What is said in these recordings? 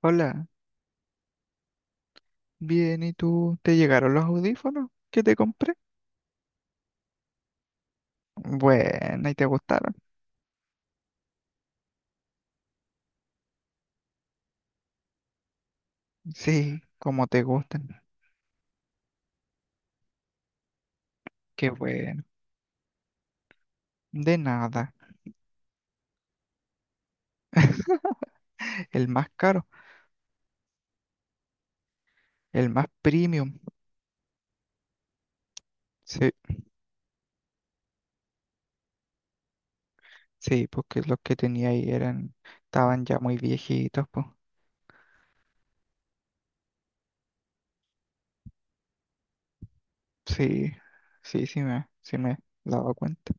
Hola, bien, ¿y tú? ¿Te llegaron los audífonos que te compré? Bueno, ¿y te gustaron? Sí, como te gustan. Qué bueno. De nada. El más caro, el más premium. Sí, sí, porque los que tenía ahí eran, estaban ya muy viejitos, pues. Sí, sí, sí me he dado cuenta.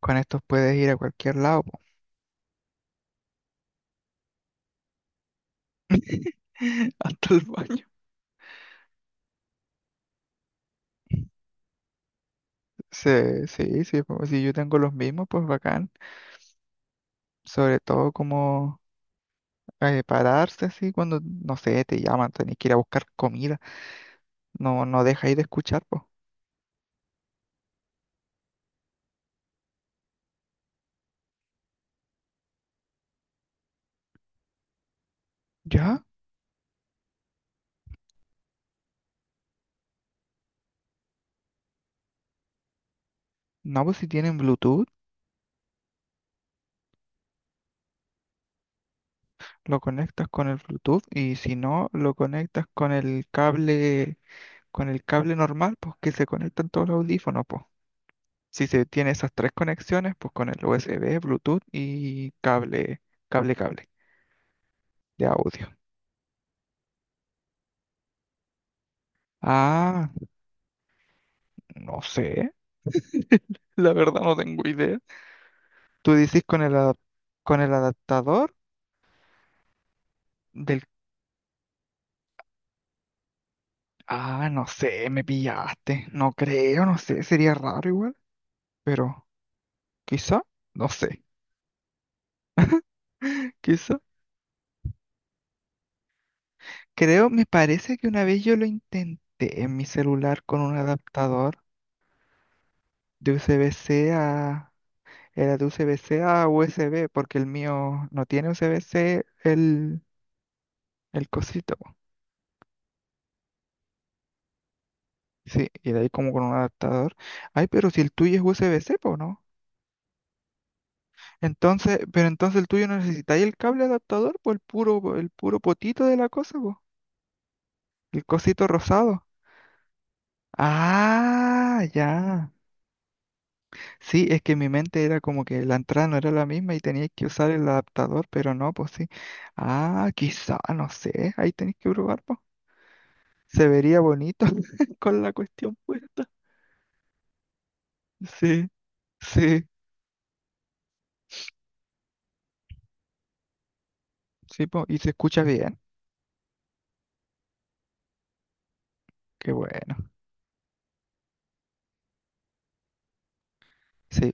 Con estos puedes ir a cualquier lado, po. Hasta el baño. Sí, sí, sí, pues, si yo tengo los mismos, pues bacán. Sobre todo como pararse así cuando, no sé, te llaman, tenés que ir a buscar comida, no, no dejáis de escuchar, pues. ¿Ya? No, pues si tienen Bluetooth, lo conectas con el Bluetooth y si no, lo conectas con el cable normal, pues que se conectan todos los audífonos, pues. Si se tiene esas tres conexiones, pues con el USB, Bluetooth y cable, cable de audio. Ah, no sé, la verdad no tengo idea. Tú dices con el adaptador. Del Ah, no sé, me pillaste. No creo, no sé, sería raro igual, pero quizá, no sé, quizá. Creo, me parece que una vez yo lo intenté en mi celular con un adaptador de USB-C a... Era de USB-C a USB, porque el mío no tiene USB-C el cosito. Sí, y de ahí como con un adaptador. Ay, pero si el tuyo es USB-C, pues no. Entonces, pero entonces el tuyo no necesitáis el cable adaptador, pues el puro potito de la cosa, pues. El cosito rosado. Ah, ya. Sí, es que mi mente era como que la entrada no era la misma y tenía que usar el adaptador, pero no, pues sí. Ah, quizá, no sé. Ahí tenéis que probar, pues. Se vería bonito con la cuestión puesta. Sí, sí, sí, po, y se escucha bien. Qué bueno. Sí.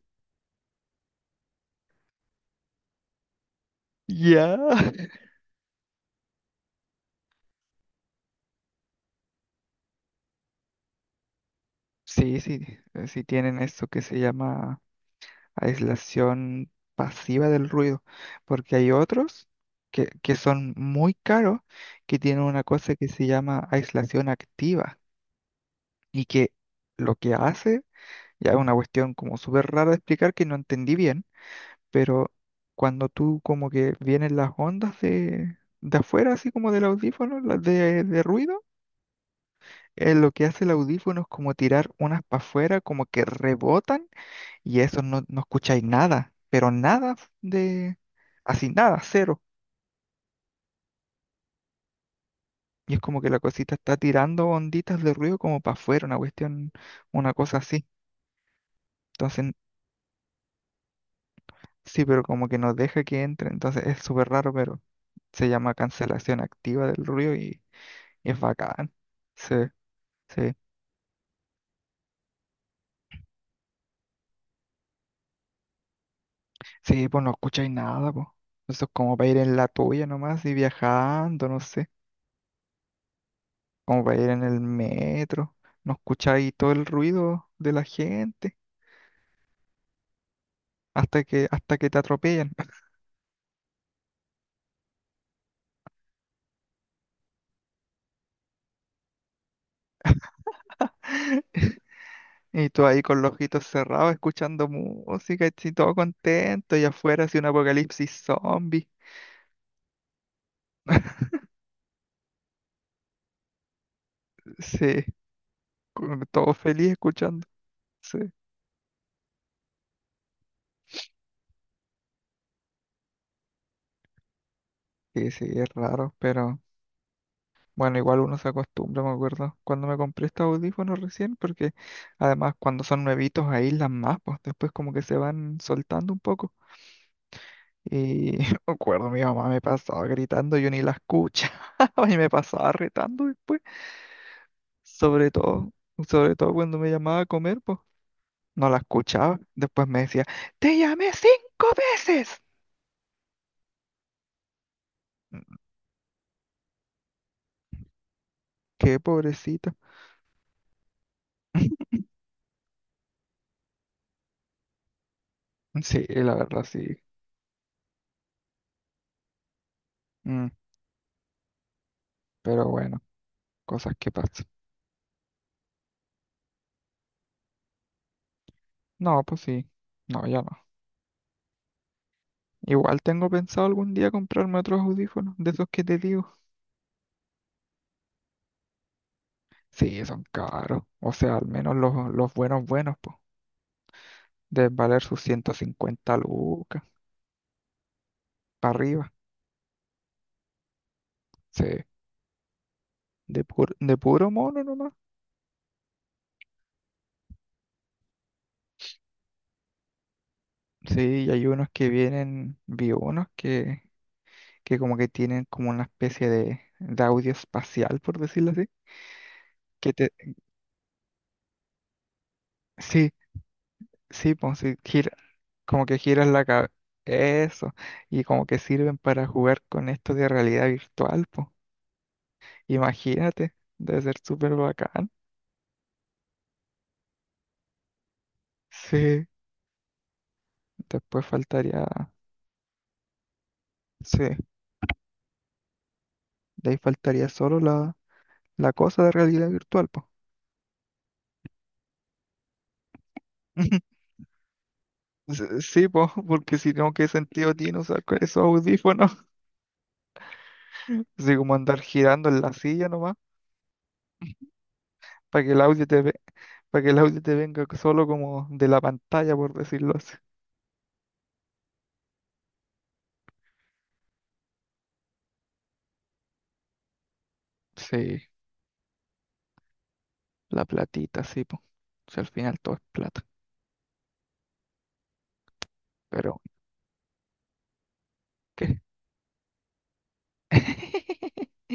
Ya. Sí, sí, sí tienen eso que se llama aislación pasiva del ruido, porque hay otros que son muy caros, que tienen una cosa que se llama aislación activa y que lo que hace, ya es una cuestión como súper rara de explicar que no entendí bien, pero cuando tú como que vienen las ondas de afuera, así como del audífono, las de ruido, lo que hace el audífono es como tirar unas para afuera, como que rebotan. Y eso no, no escucháis nada, pero nada de, así nada, cero. Y es como que la cosita está tirando onditas de ruido como para afuera, una cuestión, una cosa así. Entonces, sí, pero como que nos deja que entre. Entonces es súper raro, pero se llama cancelación activa del ruido y es bacán. Sí, sí. Sí, pues no escucháis nada, pues. Eso es como para ir en la tuya nomás y viajando, no sé. Como para ir en el metro. No escucháis todo el ruido de la gente. Hasta que te atropellan. Y tú ahí con los ojitos cerrados escuchando música, y todo contento, y afuera así un apocalipsis zombie. Sí, todo feliz escuchando. Sí, sí, sí, es raro, pero bueno, igual uno se acostumbra, me acuerdo. Cuando me compré estos audífonos recién, porque además cuando son nuevitos aíslan más, pues después como que se van soltando un poco. Y me acuerdo, mi mamá me pasaba gritando, yo ni la escuchaba y me pasaba retando. Sobre todo, sobre todo cuando me llamaba a comer, pues no la escuchaba. Después me decía, te llamé cinco veces. Mm. Qué pobrecita. Sí, la verdad sí. Mm, pero bueno, cosas que pasan. No, pues sí. No, ya no. Igual tengo pensado algún día comprarme otros audífonos, de esos que te digo. Sí, son caros. O sea, al menos los buenos, buenos, pues. Deben valer sus 150 lucas, para arriba. Sí, de puro mono nomás. Sí, y hay unos que vienen, vi unos que como que tienen como una especie de audio espacial, por decirlo así. Que te, sí, sí, pues sí, gira, como que giras la cabeza, eso, y como que sirven para jugar con esto de realidad virtual, pues. Imagínate, debe ser súper bacán. Sí, después faltaría, sí, de ahí faltaría solo la cosa de realidad virtual, pues. Sí, pues, porque si no, ¿qué sentido tiene usar con esos audífonos? Así como andar girando en la silla nomás, para que el audio te, ve- para que el audio te venga solo como de la pantalla, por decirlo así. Sí, la platita, sí, po. Si al final todo es plata. Pero, ¿qué?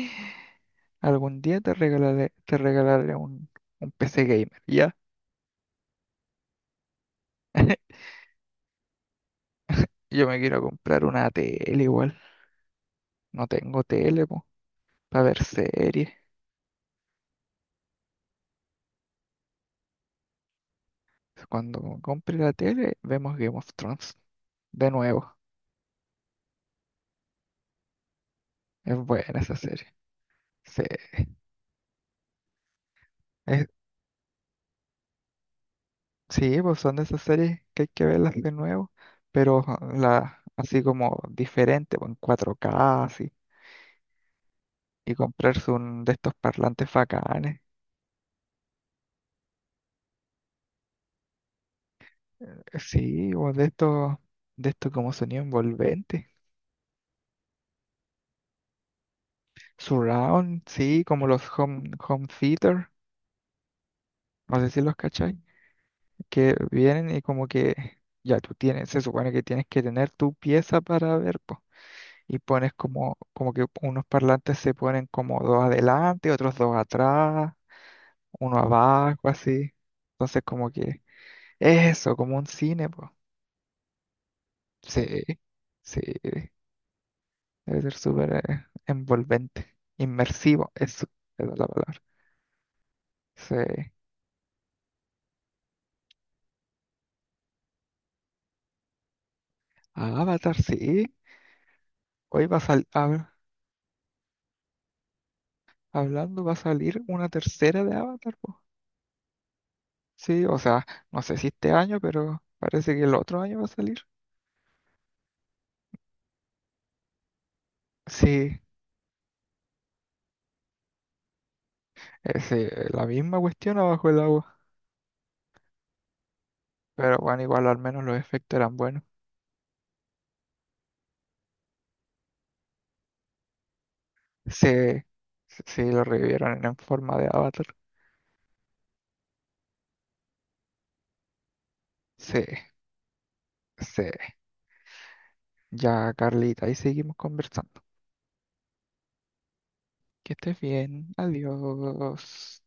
Algún día te regalaré un PC gamer, ¿ya? Yo me quiero comprar una tele igual. No tengo tele, po, para ver series. Cuando me compre la tele, vemos Game of Thrones de nuevo. Es buena esa serie. Sí, es. Sí, pues son de esas series que hay que verlas de nuevo, pero ah, la, así como diferente, pues, en 4K, así, y comprarse un de estos parlantes bacanes. Sí, o de estos como sonido envolvente. Surround, sí, como los home theater, no sé si los cacháis, que vienen y como que ya tú tienes, se supone que tienes que tener tu pieza para ver, pues, y pones como, que unos parlantes se ponen como dos adelante, otros dos atrás uno abajo, así. Entonces, como que eso, como un cine, pues. Sí, sí, debe ser súper envolvente, inmersivo, eso, esa es la palabra. Sí, Avatar, sí. Hoy va a salir, hablando, va a salir una tercera de Avatar, pues. Sí, o sea, no sé si este año, pero parece que el otro año va a salir. Sí, sí, la misma cuestión abajo el agua. Pero bueno, igual al menos los efectos eran buenos. Sí, sí, lo revivieron en forma de avatar. Sí, sí. Ya, Carlita, ahí seguimos conversando. Que estés bien. Adiós.